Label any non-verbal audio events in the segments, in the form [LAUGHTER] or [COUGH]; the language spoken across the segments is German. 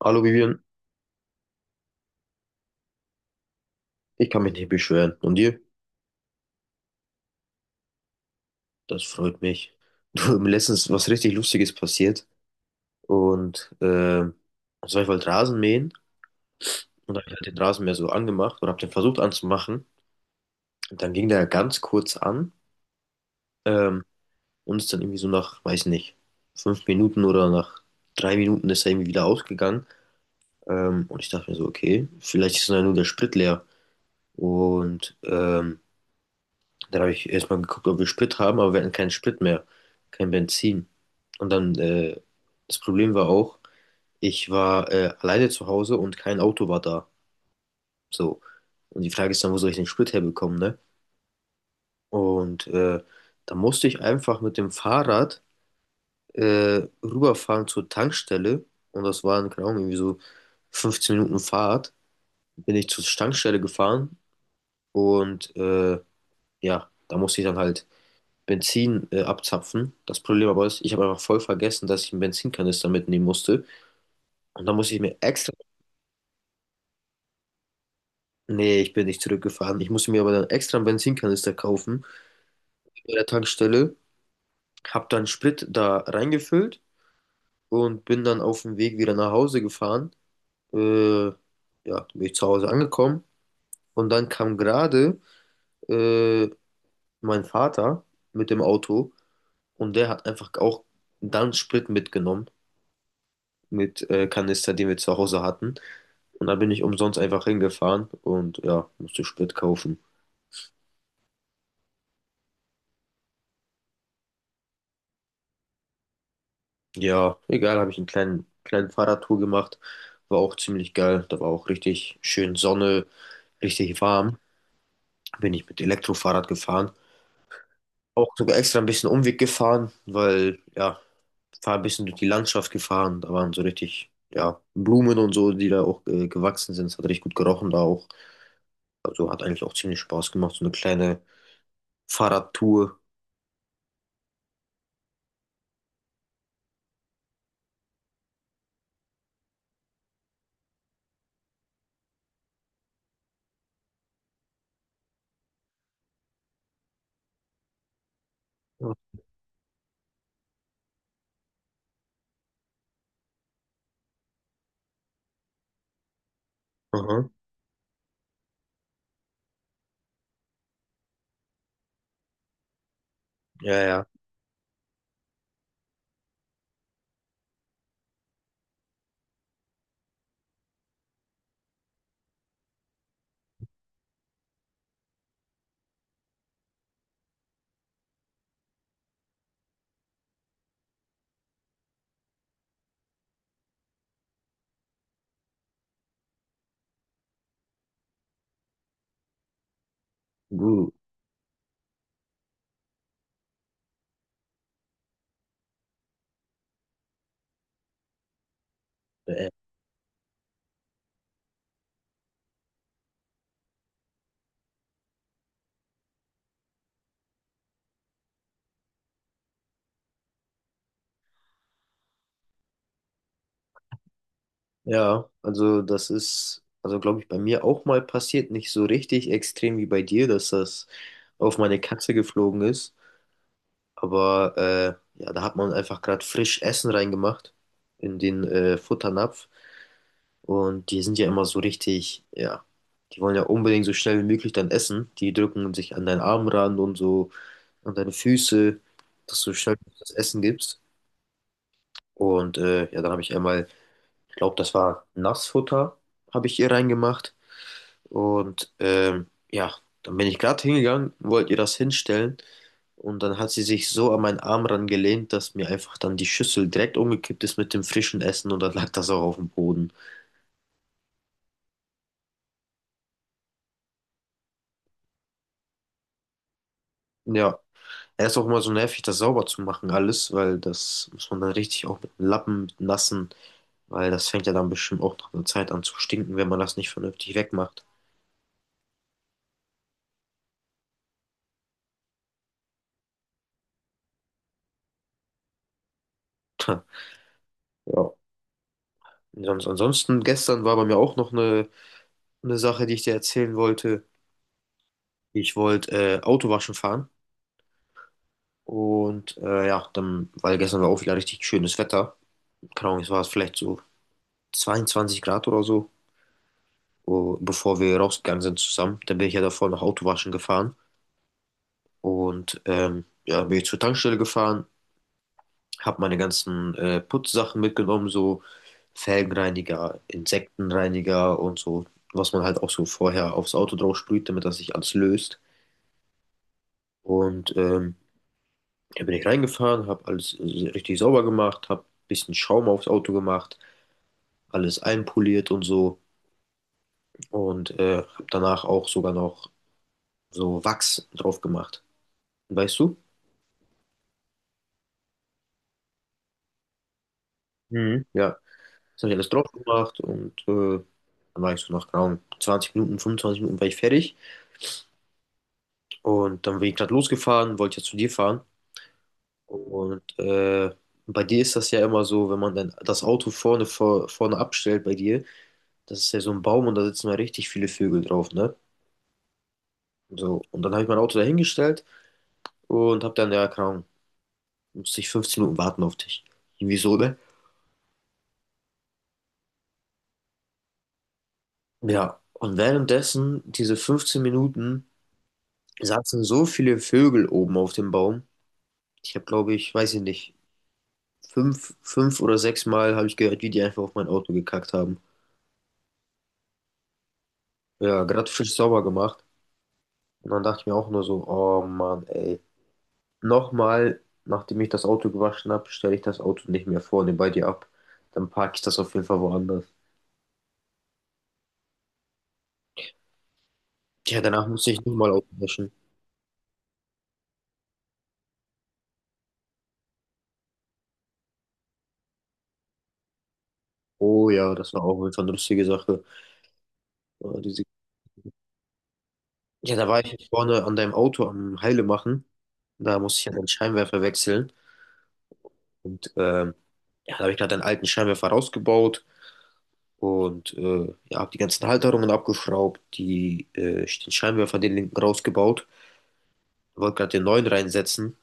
Hallo Vivian, ich kann mich nicht beschweren. Und dir? Das freut mich. [LAUGHS] Du, mir letztens was richtig Lustiges passiert. Und äh, Ich wollte Rasen mähen und habe halt den Rasenmäher so angemacht und habe den versucht anzumachen. Und dann ging der ganz kurz an ähm, und ist dann irgendwie so nach, weiß nicht, 5 Minuten oder nach 3 Minuten ist er irgendwie wieder ausgegangen. Und ich dachte mir so, okay, vielleicht ist dann nur der Sprit leer. Und ähm, Dann habe ich erstmal geguckt, ob wir Sprit haben, aber wir hatten keinen Sprit mehr, kein Benzin. Und dann das Problem war auch, ich war alleine zu Hause und kein Auto war da. So. Und die Frage ist dann, wo soll ich den Sprit herbekommen, ne? Und äh, Da musste ich einfach mit dem Fahrrad rüberfahren zur Tankstelle. Und das waren, keine Ahnung, irgendwie so 15 Minuten Fahrt. Bin ich zur Tankstelle gefahren und ja, da musste ich dann halt Benzin abzapfen. Das Problem aber ist, ich habe einfach voll vergessen, dass ich einen Benzinkanister mitnehmen musste. Und dann musste ich mir extra. Nee, ich bin nicht zurückgefahren. Ich musste mir aber dann extra einen Benzinkanister kaufen bei der Tankstelle. Habe dann Sprit da reingefüllt und bin dann auf dem Weg wieder nach Hause gefahren. Ja, bin ich zu Hause angekommen. Und dann kam gerade äh, mein Vater mit dem Auto und der hat einfach auch dann Sprit mitgenommen mit Kanister, den wir zu Hause hatten. Und da bin ich umsonst einfach hingefahren und ja, musste Sprit kaufen. Ja, egal, habe ich einen kleinen, kleinen Fahrradtour gemacht. War auch ziemlich geil. Da war auch richtig schön Sonne, richtig warm. Bin ich mit Elektrofahrrad gefahren. Auch sogar extra ein bisschen Umweg gefahren, weil, ja, war ein bisschen durch die Landschaft gefahren. Da waren so richtig, ja, Blumen und so, die da auch gewachsen sind. Es hat richtig gut gerochen da auch. Also hat eigentlich auch ziemlich Spaß gemacht, so eine kleine Fahrradtour. Mhm. Ja, ja. Du, ja, also das ist, also glaube ich, bei mir auch mal passiert, nicht so richtig extrem wie bei dir, dass das auf meine Katze geflogen ist. Aber ja, da hat man einfach gerade frisch Essen reingemacht in den Futternapf. Und die sind ja immer so richtig, ja, die wollen ja unbedingt so schnell wie möglich dann essen. Die drücken sich an deinen Arm ran und so, an deine Füße, dass du schnell das Essen gibst. Ja, dann habe ich einmal, ich glaube, das war Nassfutter, habe ich ihr reingemacht. Ja, dann bin ich gerade hingegangen, wollte ihr das hinstellen. Und dann hat sie sich so an meinen Arm rangelehnt, dass mir einfach dann die Schüssel direkt umgekippt ist mit dem frischen Essen und dann lag das auch auf dem Boden. Ja, er ist auch immer so nervig, das sauber zu machen alles, weil das muss man dann richtig auch mit dem Lappen, mit dem Nassen, weil das fängt ja dann bestimmt auch nach einer Zeit an zu stinken, wenn man das nicht vernünftig wegmacht. Tja, ja, sonst ansonsten, gestern war bei mir auch noch eine Sache, die ich dir erzählen wollte. Ich wollte Autowaschen fahren. Ja, dann, weil gestern war auch wieder richtig schönes Wetter. Keine Ahnung, es war vielleicht so 22 Grad oder so, bevor wir rausgegangen sind zusammen. Dann bin ich ja davor noch Autowaschen gefahren. Ja, bin ich zur Tankstelle gefahren, habe meine ganzen Putzsachen mitgenommen, so Felgenreiniger, Insektenreiniger und so, was man halt auch so vorher aufs Auto drauf sprüht, damit das sich alles löst. Und ähm, Dann bin ich reingefahren, habe alles richtig sauber gemacht, habe ein bisschen Schaum aufs Auto gemacht, alles einpoliert und so, und habe danach auch sogar noch so Wachs drauf gemacht. Weißt du? Mhm. Ja, das habe ich alles drauf gemacht und dann war ich so nach genau 20 Minuten, 25 Minuten war ich fertig und dann bin ich gerade losgefahren, wollte ja zu dir fahren und bei dir ist das ja immer so, wenn man dann das Auto vorne, vorne abstellt bei dir, das ist ja so ein Baum und da sitzen ja richtig viele Vögel drauf, ne? So, und dann habe ich mein Auto dahingestellt und habe dann, ja, keine Ahnung, musste ich 15 Minuten warten auf dich. Irgendwie so, ne? Ja. Und währenddessen, diese 15 Minuten, saßen so viele Vögel oben auf dem Baum. Ich habe, glaube ich, weiß ich nicht, fünf oder sechs Mal habe ich gehört, wie die einfach auf mein Auto gekackt haben. Ja, gerade frisch sauber gemacht. Und dann dachte ich mir auch nur so, oh Mann, ey. Nochmal, nachdem ich das Auto gewaschen habe, stelle ich das Auto nicht mehr vorne bei dir ab. Dann parke ich das auf jeden Fall woanders. Ja, danach musste ich nochmal Auto waschen. Oh ja, das war auch auf jeden Fall eine lustige Sache. Diese Ja, da war ich vorne an deinem Auto am Heile machen. Da musste ich ja den Scheinwerfer wechseln. Und ähm, ja, da habe ich gerade einen alten Scheinwerfer rausgebaut und ja, habe die ganzen Halterungen abgeschraubt, den Scheinwerfer, den linken rausgebaut. Wollte gerade den neuen reinsetzen.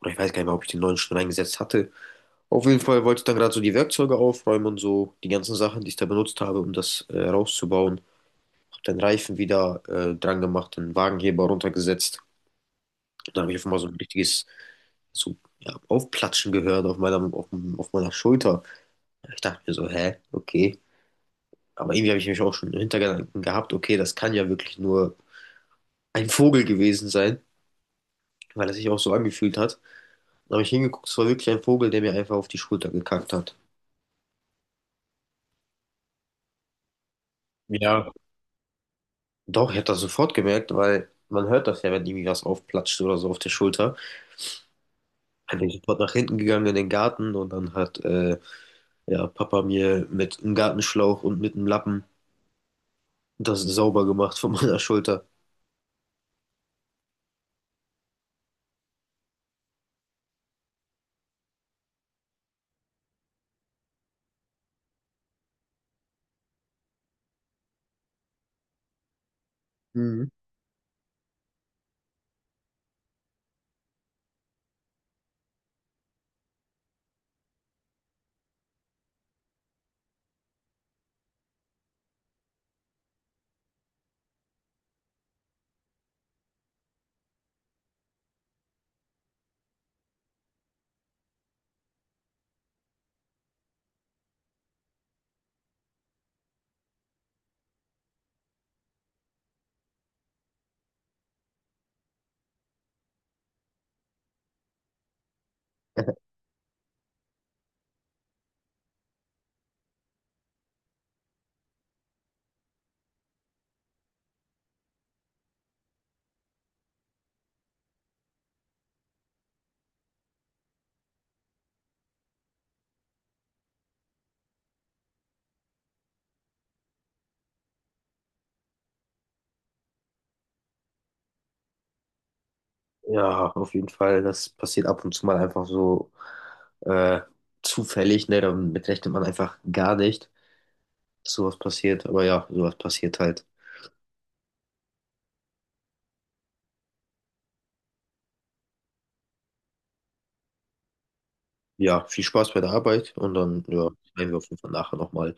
Oder ich weiß gar nicht mehr, ob ich den neuen schon reingesetzt hatte. Auf jeden Fall wollte ich dann gerade so die Werkzeuge aufräumen und so, die ganzen Sachen, die ich da benutzt habe, um das rauszubauen. Hab den Reifen wieder dran gemacht, den Wagenheber runtergesetzt. Und dann habe ich einfach mal so ein richtiges so, ja, aufplatschen gehört auf meiner Schulter. Ich dachte mir so, hä, okay. Aber irgendwie habe ich mich auch schon im Hintergedanken gehabt, okay, das kann ja wirklich nur ein Vogel gewesen sein, weil es sich auch so angefühlt hat. Dann habe ich hingeguckt, es war wirklich ein Vogel, der mir einfach auf die Schulter gekackt hat. Ja. Doch, ich habe das sofort gemerkt, weil man hört das ja, wenn irgendwie was aufplatscht oder so auf der Schulter. Dann bin ich sofort nach hinten gegangen in den Garten und dann hat ja, Papa mir mit einem Gartenschlauch und mit einem Lappen das sauber gemacht von meiner Schulter. Mhm. Ja, auf jeden Fall. Das passiert ab und zu mal einfach so äh, zufällig, ne? Damit rechnet man einfach gar nicht, dass sowas passiert. Aber ja, sowas passiert halt. Ja, viel Spaß bei der Arbeit und dann, ja, sehen wir auf jeden Fall nachher nochmal.